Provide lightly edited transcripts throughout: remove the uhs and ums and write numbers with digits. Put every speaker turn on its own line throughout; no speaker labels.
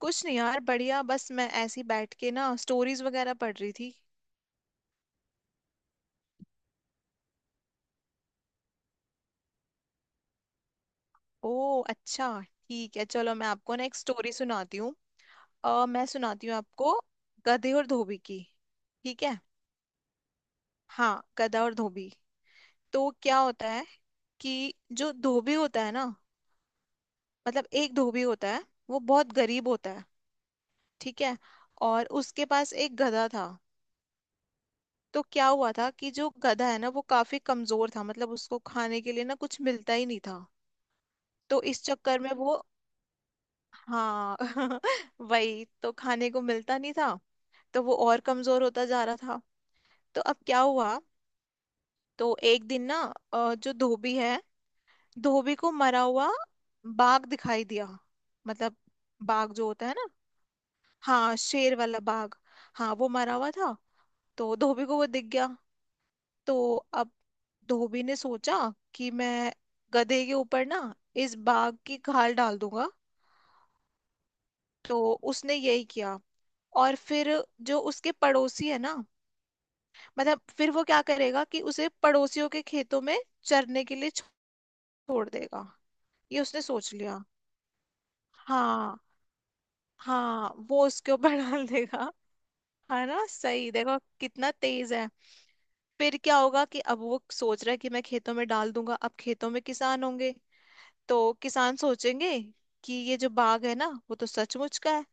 कुछ नहीं यार, बढ़िया। बस मैं ऐसी बैठ के ना स्टोरीज वगैरह पढ़ रही थी। ओ, अच्छा। ठीक है, चलो मैं आपको ना एक स्टोरी सुनाती हूँ। मैं सुनाती हूँ आपको। गधे और धोबी की। ठीक है। हाँ, गधा और धोबी। तो क्या होता है कि जो धोबी होता है ना, मतलब एक धोबी होता है। वो बहुत गरीब होता है। ठीक है। और उसके पास एक गधा था। तो क्या हुआ था कि जो गधा है ना, वो काफी कमजोर था। मतलब उसको खाने के लिए ना कुछ मिलता ही नहीं था। तो इस चक्कर में वो, हाँ वही तो खाने को मिलता नहीं था। तो वो और कमजोर होता जा रहा था। तो अब क्या हुआ। तो एक दिन ना जो धोबी है, धोबी को मरा हुआ बाघ दिखाई दिया। मतलब बाघ जो होता है ना। हाँ, शेर वाला बाघ। हाँ, वो मरा हुआ था। तो धोबी को वो दिख गया। तो अब धोबी ने सोचा कि मैं गधे के ऊपर ना इस बाघ की खाल डाल दूंगा। तो उसने यही किया, और फिर जो उसके पड़ोसी है ना, मतलब फिर वो क्या करेगा कि उसे पड़ोसियों के खेतों में चरने के लिए छोड़ देगा। ये उसने सोच लिया। हाँ हाँ, वो उसके ऊपर डाल देगा। है ना, सही देखो कितना तेज है। फिर क्या होगा कि अब वो सोच रहा है कि मैं खेतों में डाल दूंगा, अब खेतों में किसान होंगे। तो किसान सोचेंगे कि ये जो बाघ है ना, वो तो सचमुच का है।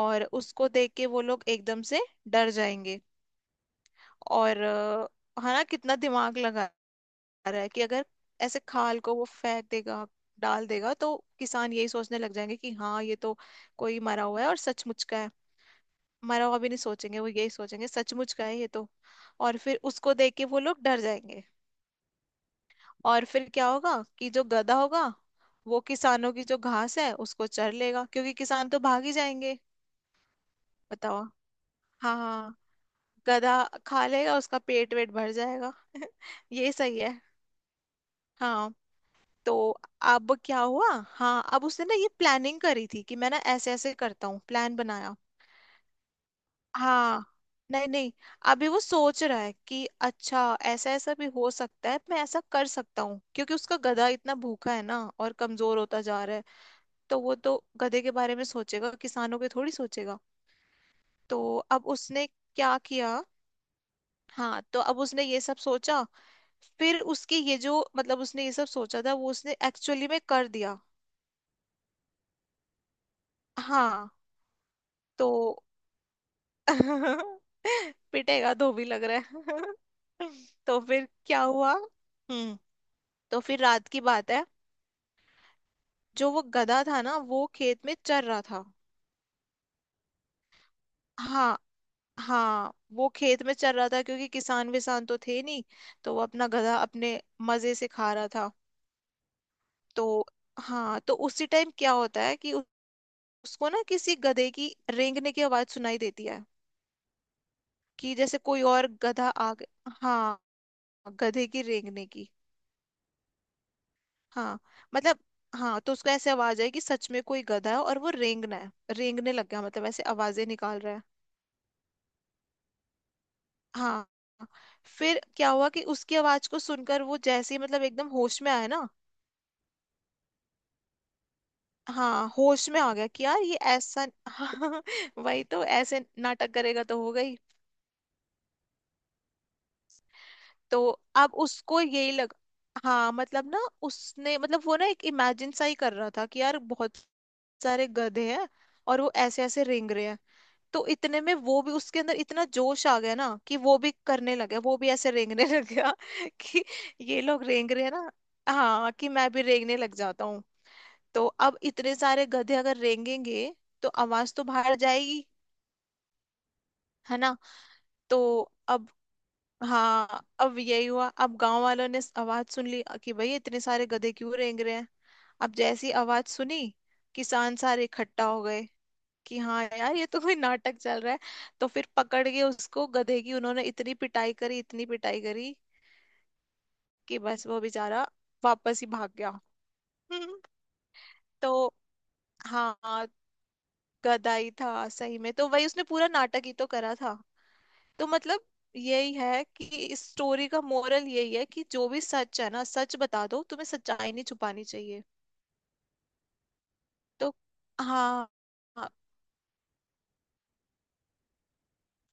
और उसको देख के वो लोग एकदम से डर जाएंगे। और है ना कितना दिमाग लगा रहा है कि अगर ऐसे खाल को वो फेंक देगा, डाल देगा, तो किसान यही सोचने लग जाएंगे कि हाँ ये तो कोई मरा हुआ है और सचमुच का है। मरा हुआ भी नहीं सोचेंगे, वो यही सोचेंगे सचमुच का है ये तो। और फिर उसको देख के वो लोग डर जाएंगे। और फिर क्या होगा कि जो गधा होगा, वो किसानों की जो घास है उसको चर लेगा क्योंकि किसान तो भाग ही जाएंगे। बताओ। हाँ हाँ, गधा खा लेगा, उसका पेट वेट भर जाएगा ये सही है। हाँ, तो अब क्या हुआ। हाँ, अब उसने ना ये प्लानिंग करी थी कि मैं ना ऐसे ऐसे करता हूँ, प्लान बनाया। हाँ, नहीं नहीं, अभी वो सोच रहा है कि अच्छा, ऐसा ऐसा भी हो सकता है, मैं ऐसा कर सकता हूँ क्योंकि उसका गधा इतना भूखा है ना और कमजोर होता जा रहा है। तो वो तो गधे के बारे में सोचेगा, किसानों के थोड़ी सोचेगा। तो अब उसने क्या किया। हाँ, तो अब उसने ये सब सोचा। फिर उसकी ये जो मतलब उसने ये सब सोचा था वो उसने एक्चुअली में कर दिया। हाँ, तो पिटेगा धोबी लग रहा है तो फिर क्या हुआ। हम्म। तो फिर रात की बात है। जो वो गधा था ना, वो खेत में चर रहा था। हाँ हाँ, वो खेत में चर रहा था क्योंकि किसान विसान तो थे नहीं। तो वो अपना गधा अपने मजे से खा रहा था। तो हाँ, तो उसी टाइम क्या होता है कि उसको ना किसी गधे की रेंगने की आवाज सुनाई देती है। कि जैसे कोई और गधा आ गया, हाँ। गधे की रेंगने की। हाँ, मतलब। हाँ, तो उसका ऐसे आवाज है कि सच में कोई गधा है और वो रेंगना है, रेंगने लग गया मतलब ऐसे आवाजें निकाल रहा है। हाँ, फिर क्या हुआ कि उसकी आवाज को सुनकर वो जैसे ही मतलब एकदम होश में आया ना। हाँ, होश में आ गया कि यार ये ऐसा हाँ, वही तो ऐसे नाटक करेगा तो हो गई। तो अब उसको यही लगा, हाँ मतलब ना, उसने मतलब वो ना एक इमेजिन सा ही कर रहा था कि यार बहुत सारे गधे हैं और वो ऐसे ऐसे रेंग रहे हैं। तो इतने में वो भी उसके अंदर इतना जोश आ गया ना कि वो भी करने लगा, वो भी ऐसे रेंगने लग गया कि ये लोग रेंग रहे हैं ना, हाँ कि मैं भी रेंगने लग जाता हूँ। तो अब इतने सारे गधे अगर रेंगेंगे तो आवाज तो बाहर जाएगी, है ना। तो अब, हाँ अब यही हुआ, अब गांव वालों ने आवाज सुन ली कि भई इतने सारे गधे क्यों रेंग रहे हैं। अब जैसी आवाज सुनी, किसान सारे इकट्ठा हो गए कि हाँ यार, ये तो कोई नाटक चल रहा है। तो फिर पकड़ के उसको गधे की उन्होंने इतनी पिटाई करी, इतनी पिटाई करी कि बस वो बेचारा वापस ही भाग गया। हम्म, तो हाँ, गधा ही था सही में, तो वही उसने पूरा नाटक ही तो करा था। तो मतलब यही है कि इस स्टोरी का मोरल यही है कि जो भी सच है ना, सच बता दो, तुम्हें सच्चाई नहीं छुपानी चाहिए। तो हाँ,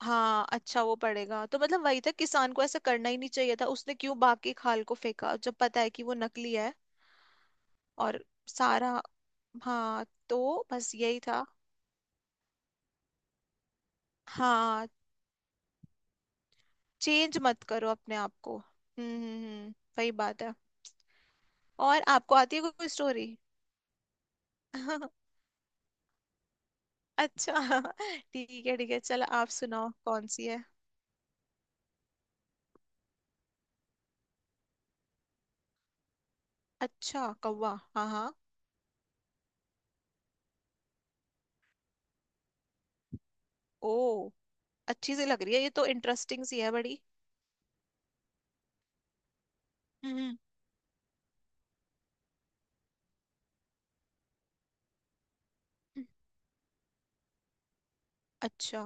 हाँ अच्छा वो पड़ेगा तो, मतलब वही था, किसान को ऐसा करना ही नहीं चाहिए था, उसने क्यों बाकी खाल को फेंका जब पता है कि वो नकली है। और सारा, हाँ तो बस यही था। हाँ, चेंज मत करो अपने आप को। हम्म, हम्म, हम्म। वही बात है। और आपको आती है कोई स्टोरी? अच्छा, ठीक है ठीक है, चलो आप सुनाओ कौन सी है। अच्छा, कौवा, हाँ हाँ। ओ, अच्छी सी लग रही है ये तो, इंटरेस्टिंग सी है बड़ी। हम्म, हम्म। अच्छा।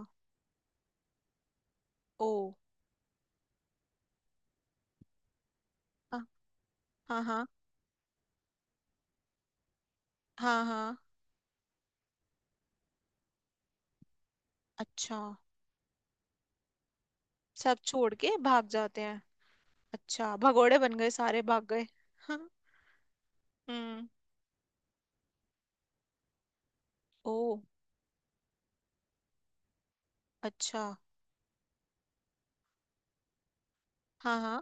ओ। हाँ हाँ हाँ हाँ हाँ। अच्छा, सब छोड़ के भाग जाते हैं। अच्छा, भगोड़े बन गए, सारे भाग गए हम्म। ओ, अच्छा। हाँ हाँ।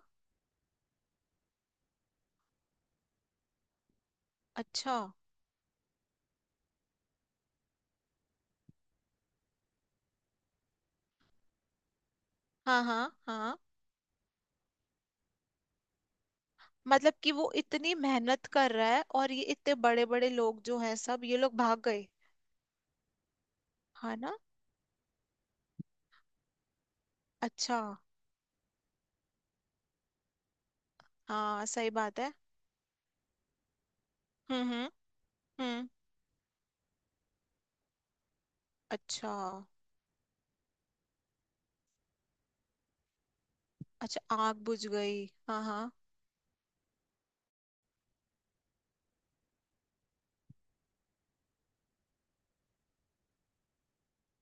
अच्छा। हाँ हाँ हाँ, मतलब कि वो इतनी मेहनत कर रहा है और ये इतने बड़े बड़े लोग जो हैं, सब ये लोग भाग गए। है ना। अच्छा, हाँ सही बात है। हम्म, हम्म, हम्म। अच्छा, अच्छा, आग बुझ गई, हाँ हाँ।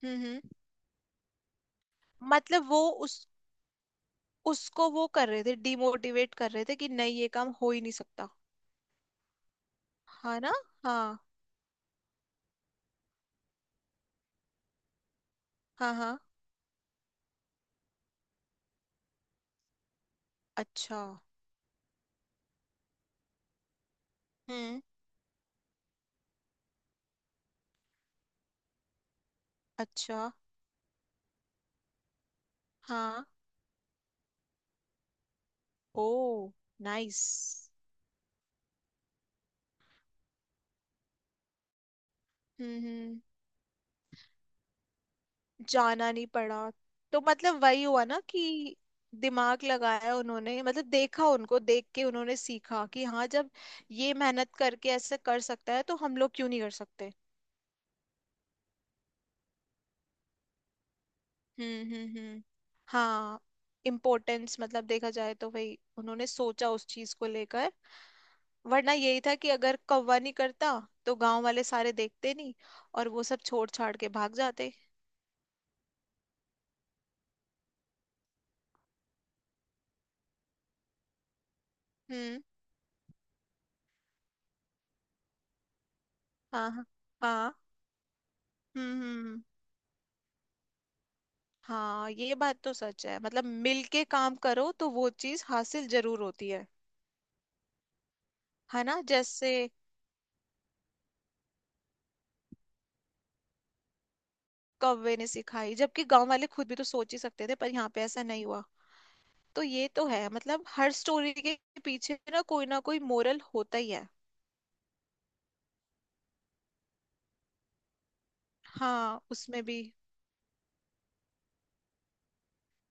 हम्म, हम्म, मतलब वो उस उसको वो कर रहे थे, डिमोटिवेट कर रहे थे कि नहीं ये काम हो ही नहीं सकता। हाँ ना। हाँ हाँ हाँ। अच्छा। हम्म। अच्छा। हाँ। ओ, नाइस। हम्म, जाना नहीं पड़ा। तो मतलब वही हुआ ना कि दिमाग लगाया उन्होंने, मतलब देखा, उनको देख के उन्होंने सीखा कि हाँ, जब ये मेहनत करके ऐसे कर सकता है तो हम लोग क्यों नहीं कर सकते। हम्म, हम्म, हम्म। हाँ, इम्पोर्टेंस मतलब देखा जाए तो भाई, उन्होंने सोचा उस चीज को लेकर। वरना यही था कि अगर कौवा नहीं करता, तो गांव वाले सारे देखते नहीं और वो सब छोड़ छाड़ के भाग जाते। हम्म, हाँ हाँ हाँ, हम्म, हम्म, हाँ, ये बात तो सच है, मतलब मिल के काम करो तो वो चीज हासिल जरूर होती है। है ना, जैसे कौवे ने सिखाई जबकि गांव वाले खुद भी तो सोच ही सकते थे, पर यहाँ पे ऐसा नहीं हुआ। तो ये तो है, मतलब हर स्टोरी के पीछे ना कोई मोरल होता ही है। हाँ, उसमें भी,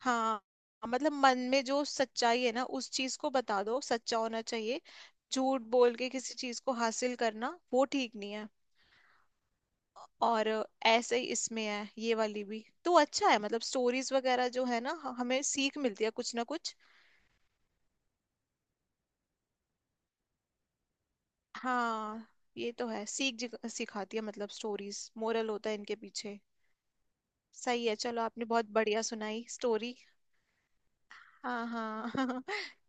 हाँ, मतलब मन में जो सच्चाई है ना, उस चीज को बता दो, सच्चा होना चाहिए। झूठ बोल के किसी चीज को हासिल करना वो ठीक नहीं है। और ऐसे ही इसमें है, ये वाली भी तो अच्छा है, मतलब स्टोरीज वगैरह जो है ना हमें सीख मिलती है कुछ ना कुछ। हाँ, ये तो है, सीख सिखाती है, मतलब स्टोरीज, मोरल होता है इनके पीछे। सही है, चलो आपने बहुत बढ़िया सुनाई स्टोरी। हाँ हाँ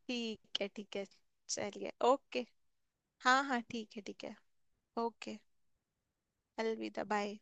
ठीक है ठीक है। चलिए, ओके। हाँ हाँ, ठीक है ठीक है। ओके, अलविदा, बाय।